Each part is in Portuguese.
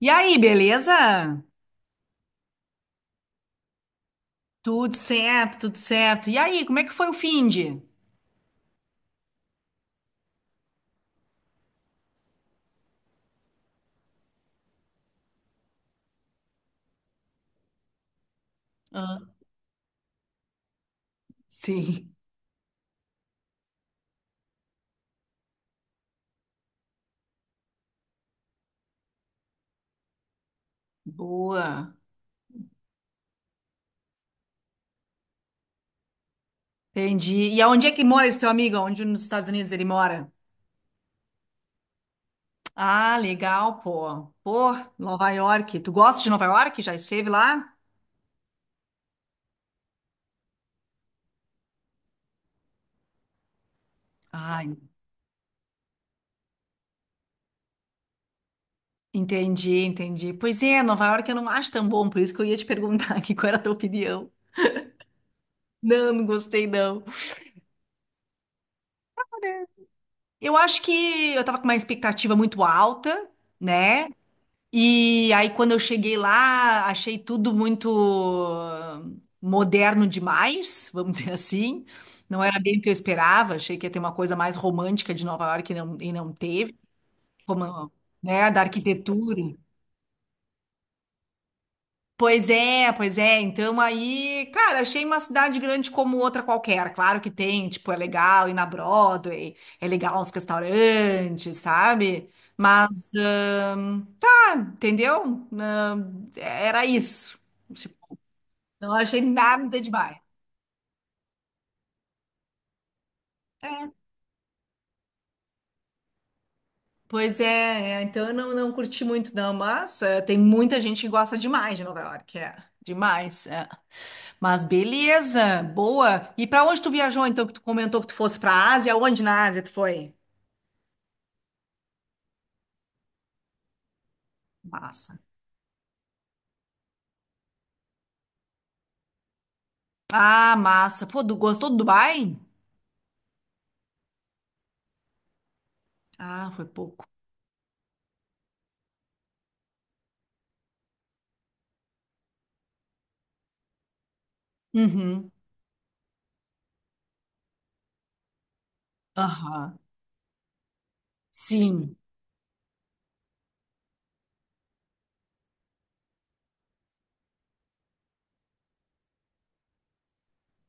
E aí, beleza? Tudo certo, tudo certo. E aí, como é que foi o finde? Ah, sim. Boa. Entendi. E aonde é que mora esse teu amigo? Onde nos Estados Unidos ele mora? Ah, legal, pô. Pô, Nova York. Tu gosta de Nova York? Já esteve lá? Ah, entendi, entendi. Pois é, Nova York eu não acho tão bom, por isso que eu ia te perguntar aqui qual era a tua opinião. Não, não gostei, não. Eu acho que eu tava com uma expectativa muito alta, né? E aí, quando eu cheguei lá, achei tudo muito moderno demais, vamos dizer assim. Não era bem o que eu esperava, achei que ia ter uma coisa mais romântica de Nova York e não teve, como, né, da arquitetura. Pois é, pois é. Então aí, cara, achei uma cidade grande como outra qualquer. Claro que tem, tipo, é legal ir na Broadway, é legal uns restaurantes, sabe? Mas entendeu? Não, era isso. Tipo, não achei nada demais. Pois é, é, então eu não curti muito não, mas é, tem muita gente que gosta demais de Nova York, é. Demais, é. Mas beleza, boa. E pra onde tu viajou então que tu comentou que tu fosse pra Ásia? Onde na Ásia tu foi? Massa. Ah, massa. Pô, gostou do Dubai? Ah, foi pouco. Uhum. Aham. Sim.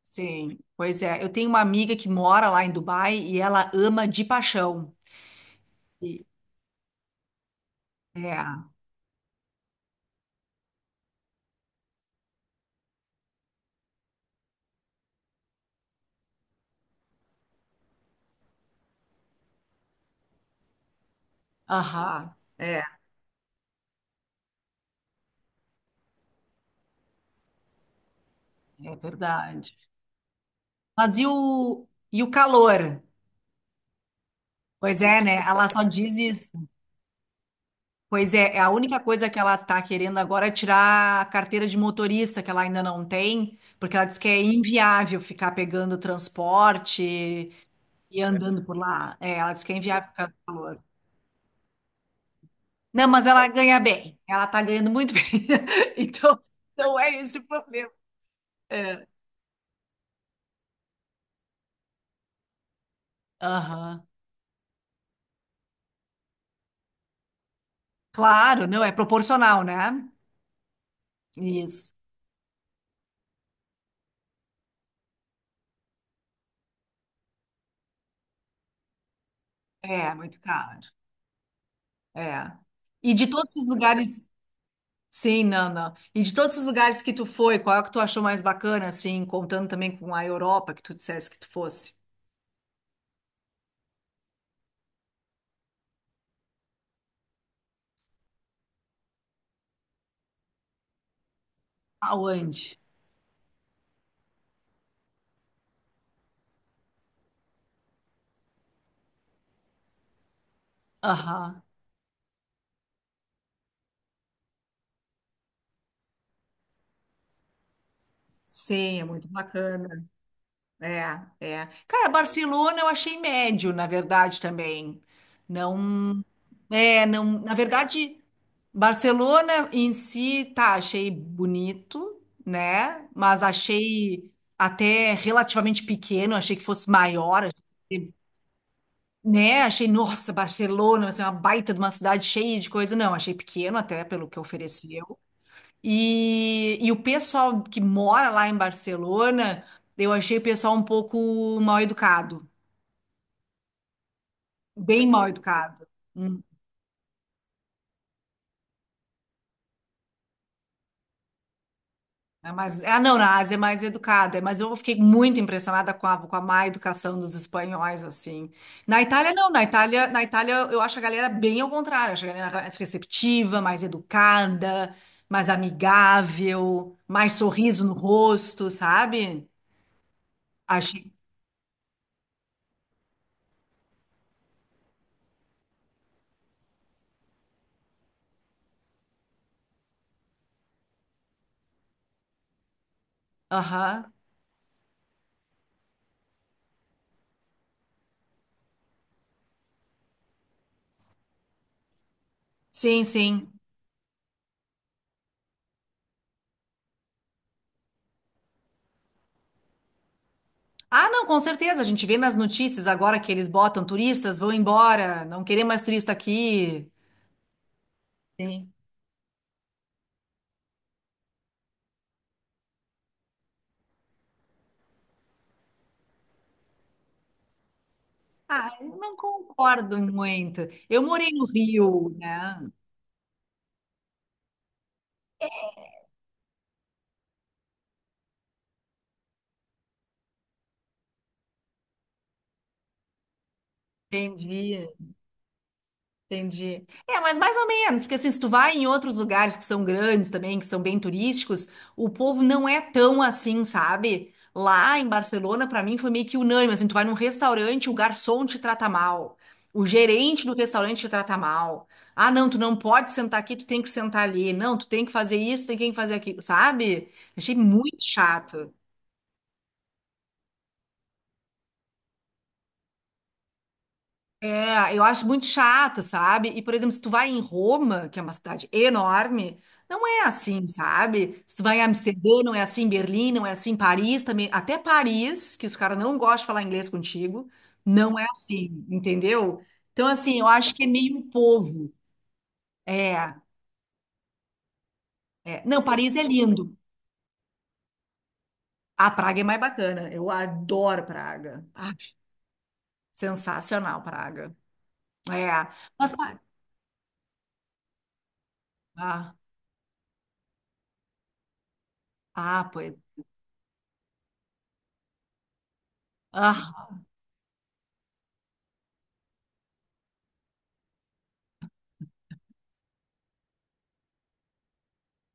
Sim, pois é. Eu tenho uma amiga que mora lá em Dubai e ela ama de paixão. E- é, aham, é, é verdade. Mas e o calor? Pois é, né? Ela só diz isso. Pois é, é a única coisa que ela tá querendo agora é tirar a carteira de motorista, que ela ainda não tem, porque ela diz que é inviável ficar pegando transporte e andando por lá. É, ela diz que é inviável ficar calor. Não, mas ela ganha bem. Ela tá ganhando muito bem. Então, não é esse o problema. É. Aham. Claro, não, é proporcional, né? Isso. É, muito caro. É. E de todos os lugares. Sim, não, não. E de todos os lugares que tu foi, qual é o que tu achou mais bacana, assim, contando também com a Europa, que tu dissesse que tu fosse? Aonde? Aham. Sim, é muito bacana. É, é. Cara, Barcelona eu achei médio, na verdade, também. Não. É, não, na verdade, Barcelona em si, tá, achei bonito, né? Mas achei até relativamente pequeno, achei que fosse maior, achei- né? Achei, nossa, Barcelona, vai ser uma baita de uma cidade cheia de coisa. Não, achei pequeno até pelo que ofereceu. E o pessoal que mora lá em Barcelona, eu achei o pessoal um pouco mal educado, bem mal educado. É mais... Ah, não, na Ásia é mais educada, é, mas eu fiquei muito impressionada com a má educação dos espanhóis, assim. Na Itália, não, na Itália eu acho a galera bem ao contrário, acho a galera mais receptiva, mais educada, mais amigável, mais sorriso no rosto, sabe? Achei. Aham. Sim, sim. Ah, não, com certeza, a gente vê nas notícias agora que eles botam turistas, vão embora, não querer mais turista aqui. Ah, eu não concordo muito. Eu morei no Rio, né? Entendi, entendi. É, mas mais ou menos, porque assim, se tu vai em outros lugares que são grandes também, que são bem turísticos, o povo não é tão assim, sabe? Lá em Barcelona, pra mim, foi meio que unânime, assim, tu vai num restaurante, o garçom te trata mal, o gerente do restaurante te trata mal. Ah, não, tu não pode sentar aqui, tu tem que sentar ali. Não, tu tem que fazer isso, tem que fazer aquilo, sabe? Achei muito chato. É, eu acho muito chato, sabe? E, por exemplo, se tu vai em Roma, que é uma cidade enorme, não é assim, sabe? Se tu vai em Amsterdã, não é assim, Berlim, não é assim, Paris também, até Paris, que os caras não gostam de falar inglês contigo, não é assim, entendeu? Então, assim, eu acho que é meio o povo. É, é. Não, Paris é lindo. A Praga é mais bacana. Eu adoro Praga. Ah, sensacional, Praga. É. Mas, ah, ah, pois. Ah,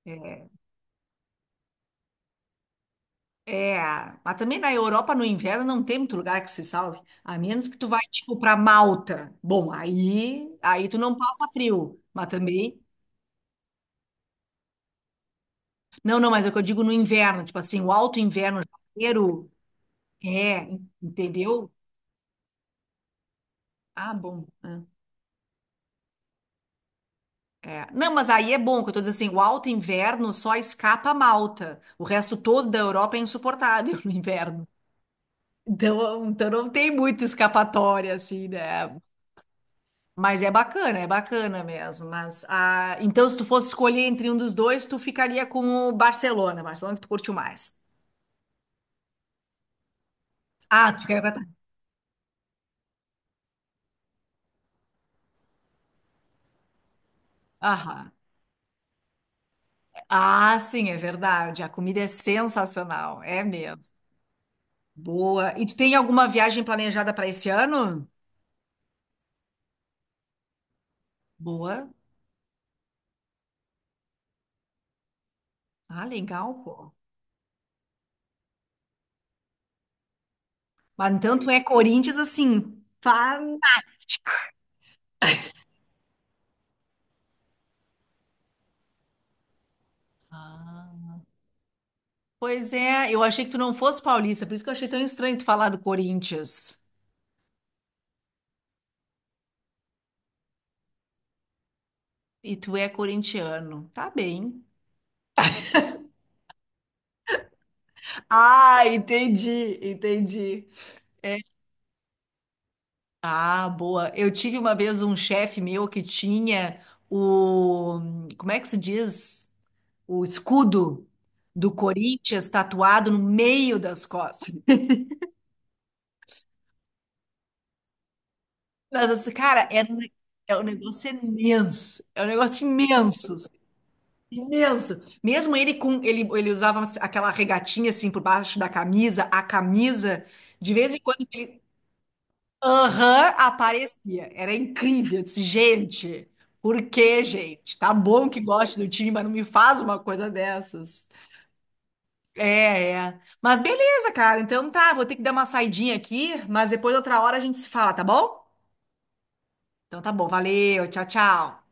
é. É, mas também na Europa no inverno não tem muito lugar que se salve, a menos que tu vai tipo para Malta. Bom, aí, tu não passa frio, mas também não, não, mas é o que eu digo no inverno, tipo assim, o alto inverno, janeiro, é, entendeu? Ah, bom. É. Não, mas aí é bom, que eu tô dizendo assim, o alto inverno só escapa a Malta. O resto todo da Europa é insuportável no inverno. Então, não tem muito escapatória assim, né? Mas é bacana mesmo. Mas, ah, então, se tu fosse escolher entre um dos dois, tu ficaria com o Barcelona, Barcelona que tu curtiu mais. Ah, tu ficaria com a... Aham. Ah, sim, é verdade. A comida é sensacional, é mesmo. Boa. E tu tem alguma viagem planejada para esse ano? Boa. Ah, legal, pô. Mas então tu é Corinthians assim, fanático. Ah. Pois é, eu achei que tu não fosse paulista, por isso que eu achei tão estranho tu falar do Corinthians. E tu é corintiano. Tá bem. Ah, entendi, entendi. É. Ah, boa. Eu tive uma vez um chefe meu que tinha o. Como é que se diz? O escudo do Corinthians tatuado no meio das costas. Mas, assim, cara, é um negócio imenso. É um negócio imenso. Imenso. Mesmo ele com ele, ele usava assim, aquela regatinha assim por baixo da camisa, a camisa. De vez em quando. Aham, aparecia. Era incrível. Eu disse, gente, por que, gente? Tá bom que goste do time, mas não me faz uma coisa dessas. É, é. Mas beleza, cara. Então tá, vou ter que dar uma saidinha aqui, mas depois outra hora a gente se fala, tá bom? Então tá bom, valeu, tchau, tchau.